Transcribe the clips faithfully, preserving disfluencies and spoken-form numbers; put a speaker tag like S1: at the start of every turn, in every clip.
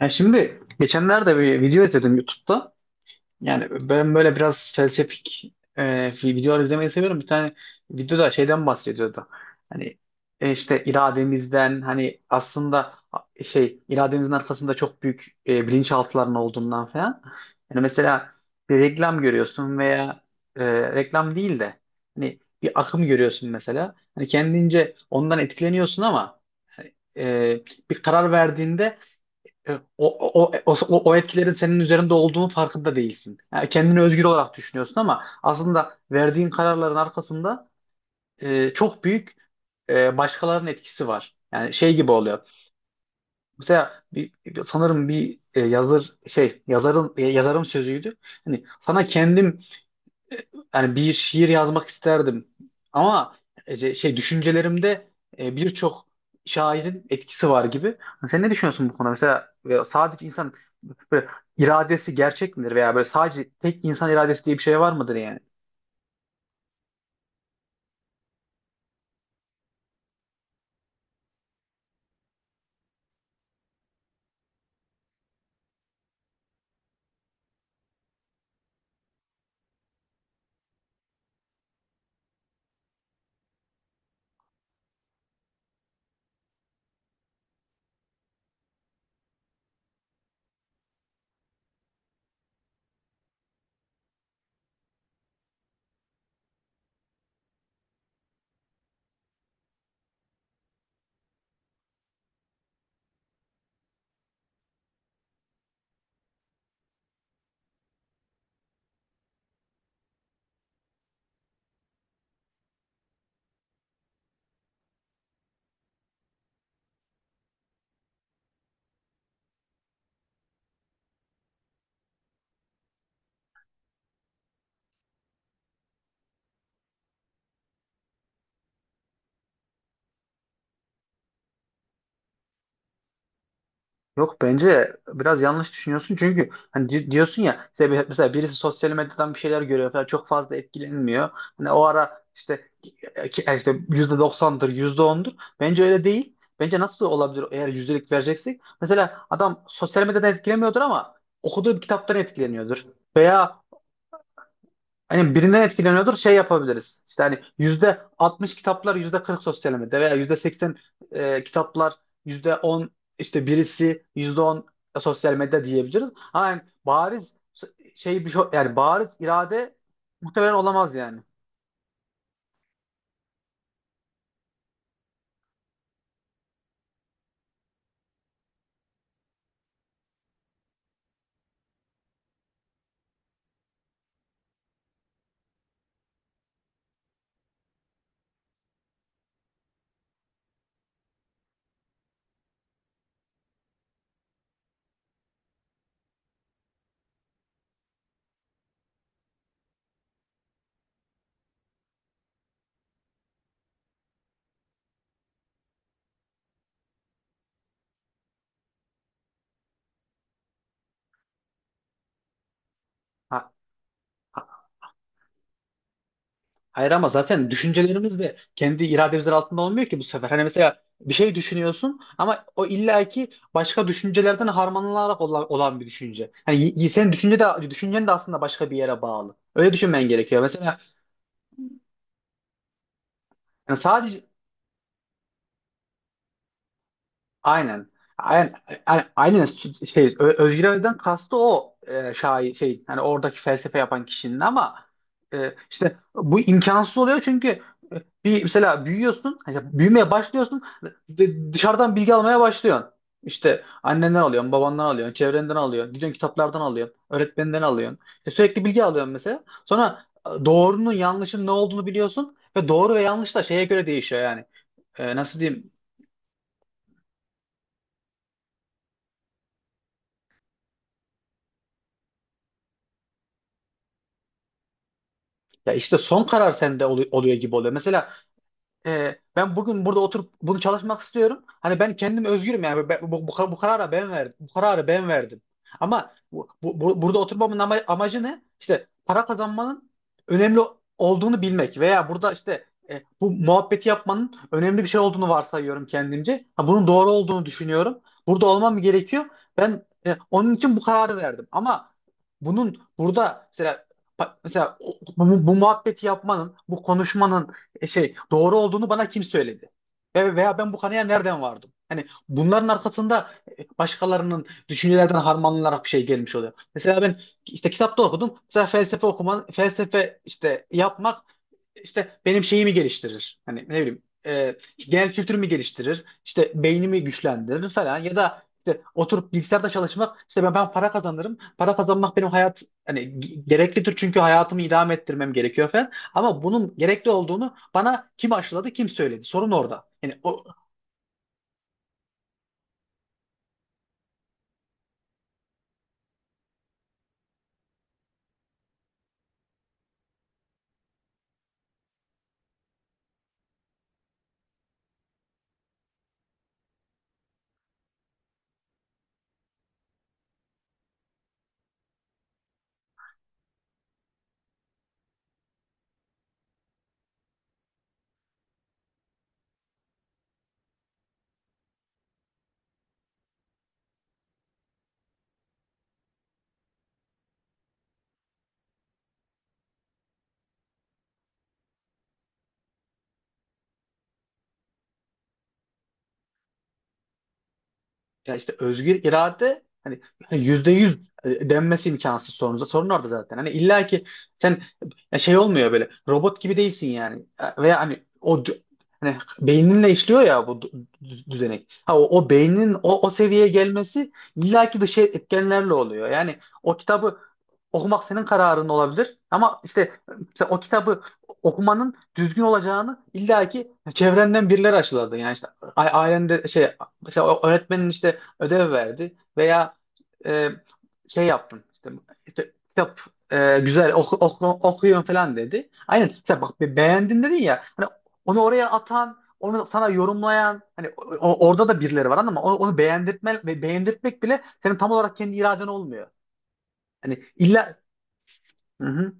S1: Ya şimdi geçenlerde bir video izledim YouTube'da. Yani ben böyle biraz felsefik e, videolar izlemeyi seviyorum. Bir tane videoda şeyden bahsediyordu. Hani e, işte irademizden hani aslında şey irademizin arkasında çok büyük e, bilinçaltıların olduğundan falan. Yani mesela bir reklam görüyorsun veya e, reklam değil de hani bir akım görüyorsun mesela. Hani kendince ondan etkileniyorsun ama hani, e, bir karar verdiğinde e, O, o, o, e, o o etkilerin senin üzerinde olduğunun farkında değilsin. Yani kendini özgür olarak düşünüyorsun ama aslında verdiğin kararların arkasında e, çok büyük e, başkalarının etkisi var. Yani şey gibi oluyor. Mesela bir, bir- sanırım bir e, yazır şey yazarın e, yazarın sözüydü. Hani sana kendim e, yani bir şiir yazmak isterdim ama e, şey düşüncelerimde e, birçok şairin etkisi var gibi. Hani sen ne düşünüyorsun bu konuda? Mesela e, sadece insan böyle iradesi gerçek midir veya böyle sadece tek insan iradesi diye bir şey var mıdır yani? Yok, bence biraz yanlış düşünüyorsun, çünkü hani di- diyorsun ya. Mesela, bir- mesela birisi sosyal medyadan bir şeyler görüyor falan, çok fazla etkilenmiyor. Hani o ara işte e, ki- e, işte yüzde doksandır, yüzde ondur. Bence öyle değil. Bence nasıl olabilir eğer yüzdelik vereceksek? Mesela adam sosyal medyadan etkilemiyordur ama okuduğu bir kitaptan etkileniyordur. Veya hani birinden etkileniyordur, şey yapabiliriz. İşte hani yüzde altmış kitaplar, yüzde kırk sosyal medyada, veya yüzde seksen e, kitaplar, yüzde on işte, birisi yüzde on sosyal medya diyebiliriz. Ama yani bariz şey, bir şey yani bariz irade muhtemelen olamaz yani. Ha, hayır, ama zaten düşüncelerimiz de kendi irademizin altında olmuyor ki bu sefer. Hani mesela bir şey düşünüyorsun, ama o illaki başka düşüncelerden harmanlanarak olan, olan bir düşünce. Hani y- y- senin düşünce de düşüncen de aslında başka bir yere bağlı. Öyle düşünmen gerekiyor. Mesela yani sadece... Aynen. Aynen, aynen, şey, Ö- Özgür Ali'den kastı o, e, şair şey, hani oradaki felsefe yapan kişinin. Ama e, işte bu imkansız oluyor, çünkü e, bir mesela büyüyorsun, hani işte büyümeye başlıyorsun, d- dışarıdan bilgi almaya başlıyorsun. İşte annenden alıyorsun, babandan alıyorsun, çevrenden alıyorsun, gidiyorsun kitaplardan alıyorsun, öğretmeninden alıyorsun. İşte sürekli bilgi alıyorsun mesela. Sonra e, doğrunun yanlışın ne olduğunu biliyorsun, ve doğru ve yanlış da şeye göre değişiyor yani. E, nasıl diyeyim? Ya işte son karar sende olu- oluyor gibi oluyor. Mesela e, ben bugün burada oturup bunu çalışmak istiyorum. Hani ben kendim özgürüm yani. Ben- bu, bu, bu karara ben verdim. Bu kararı ben verdim. Ama bu, bu- bu- burada oturmamın ama- amacı ne? İşte para kazanmanın önemli olduğunu bilmek, veya burada işte e, bu muhabbeti yapmanın önemli bir şey olduğunu varsayıyorum kendimce. Ha, bunun doğru olduğunu düşünüyorum. Burada olmam gerekiyor. Ben e, onun için bu kararı verdim. Ama bunun burada mesela pa- mesela o- bu, bu muhabbeti yapmanın, bu konuşmanın e, şey doğru olduğunu bana kim söyledi? Ve, veya ben bu kanıya nereden vardım? Hani bunların arkasında e, başkalarının düşüncelerden harmanlanarak bir şey gelmiş oluyor. Mesela ben işte kitapta okudum. Mesela felsefe okuman, felsefe işte yapmak işte benim şeyimi geliştirir. Hani ne bileyim, e, genel kültürümü geliştirir. İşte beynimi güçlendirir falan. Ya da işte oturup bilgisayarda çalışmak, işte ben, ben para kazanırım. Para kazanmak benim hayat hani ge- gereklidir, çünkü hayatımı idame ettirmem gerekiyor falan. Ama bunun gerekli olduğunu bana kim aşıladı, kim söyledi? Sorun orada. Yani o... Ya işte özgür irade, hani hani yüzde yüz e, denmesi imkansız sorunuza. Sorun orada zaten. Hani illa ki sen, ya şey olmuyor, böyle robot gibi değilsin yani. Veya hani o dü- hani beyninle işliyor ya bu dü- dü- düzenek. Ha, o, o beynin, o, o seviyeye gelmesi illa ki dış etkenlerle oluyor. Yani o kitabı okumak senin kararın olabilir. Ama işte mesela o kitabı okumanın düzgün olacağını illaki çevrenden birileri aşıladı. Yani işte a- ailende şey, mesela o öğretmenin işte ödev verdi veya e, şey yaptın. İşte, işte kitap, e, güzel oku, oku, okuyun falan dedi. Aynen. Mesela bak, be- beğendin dedin ya. Hani onu oraya atan, onu sana yorumlayan, hani o- o- orada da birileri var, ama onu, onu beğendirtme, beğendirtmek bile senin tam olarak kendi iraden olmuyor. Hani illa... Hı hı.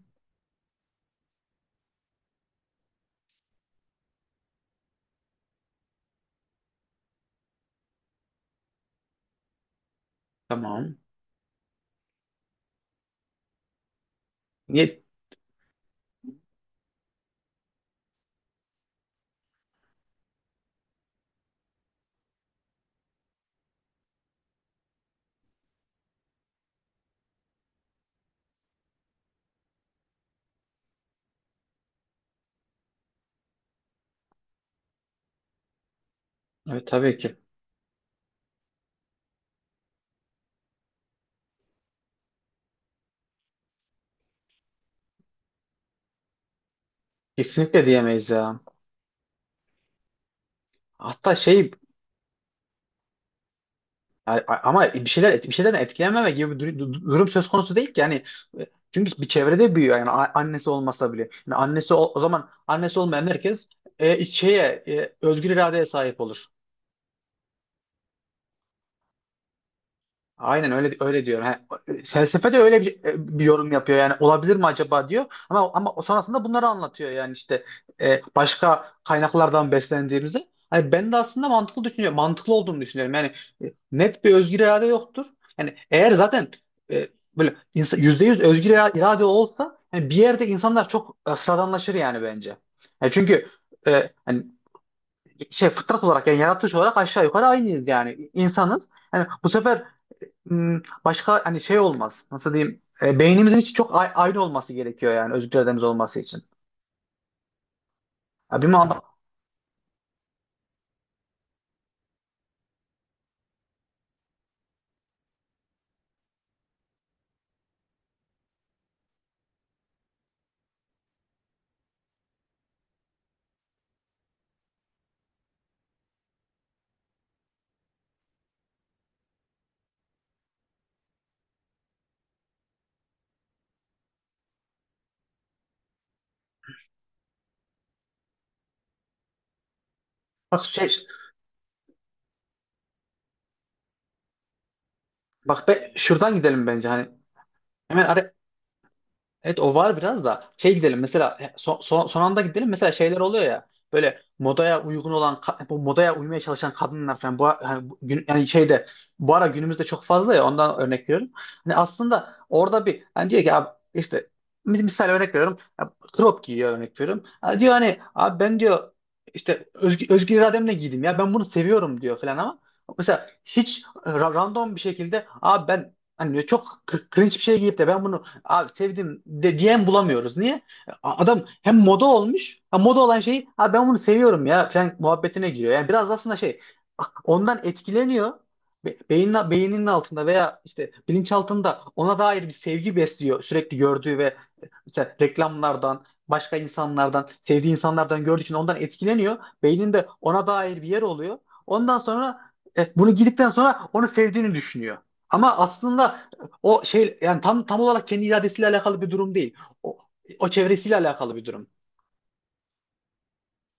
S1: Tamam. Niye? Evet, tabii ki. Kesinlikle diyemeyiz ya. Hatta şey, a- a- ama bir şeyler bir şeyden etkilenmeme gibi bir dur- dur- durum söz konusu değil ki yani. E, Çünkü bir çevrede büyüyor, yani a- annesi olmasa bile. Yani annesi ol- o zaman annesi olmayan herkes e, şeye e, özgür iradeye sahip olur. Aynen öyle öyle diyor. Ha, felsefe de öyle bir, e, bir yorum yapıyor, yani olabilir mi acaba diyor. Ama ama sonrasında bunları anlatıyor, yani işte e, başka kaynaklardan beslendiğimizi. Hani ben de aslında mantıklı düşünüyorum. Mantıklı olduğunu düşünüyorum. Yani e, net bir özgür irade yoktur. Yani eğer zaten e, böyle insan, yüzde yüz özgür ira- irade olsa, yani bir yerde insanlar çok e, sıradanlaşır yani bence. Yani çünkü e, hani şey, fıtrat olarak yani yaratılış olarak aşağı yukarı aynıyız yani, insanız. Yani bu sefer Hmm, başka hani şey olmaz. Nasıl diyeyim? E, beynimizin içi çok ay- aynı olması gerekiyor, yani özgür irademiz olması için. Ya bir ma- bak şey bak be, şuradan gidelim bence, hani hemen. Evet, o var biraz da şey, gidelim mesela son, son, son anda gidelim, mesela şeyler oluyor ya, böyle modaya uygun olan ka- bu modaya uymaya çalışan kadınlar falan, bu yani, bu gün- yani şeyde bu ara günümüzde çok fazla, ya ondan örnek veriyorum. Hani aslında orada bir, hani diyor ki abi, işte mis- misal örnek veriyorum ya, crop giyiyor örnek veriyorum. Ha, diyor hani abi, ben diyor işte özgür, özgür irademle giydim ya, ben bunu seviyorum diyor falan. Ama mesela hiç ra- random bir şekilde abi ben, hani diyor, çok cringe bir şey giyip de ben bunu abi sevdim de diyen bulamıyoruz. Niye? A- Adam hem moda olmuş, ha moda olan şeyi abi ben bunu seviyorum ya falan muhabbetine giriyor. Yani biraz aslında şey, ondan etkileniyor. Be- Beynin, beyninin altında veya işte bilinçaltında ona dair bir sevgi besliyor, sürekli gördüğü ve işte reklamlardan, başka insanlardan, sevdiği insanlardan gördüğü için ondan etkileniyor. Beyninde ona dair bir yer oluyor. Ondan sonra e, bunu girdikten sonra onu sevdiğini düşünüyor. Ama aslında o şey yani tam tam olarak kendi iradesiyle alakalı bir durum değil. O, o çevresiyle alakalı bir durum.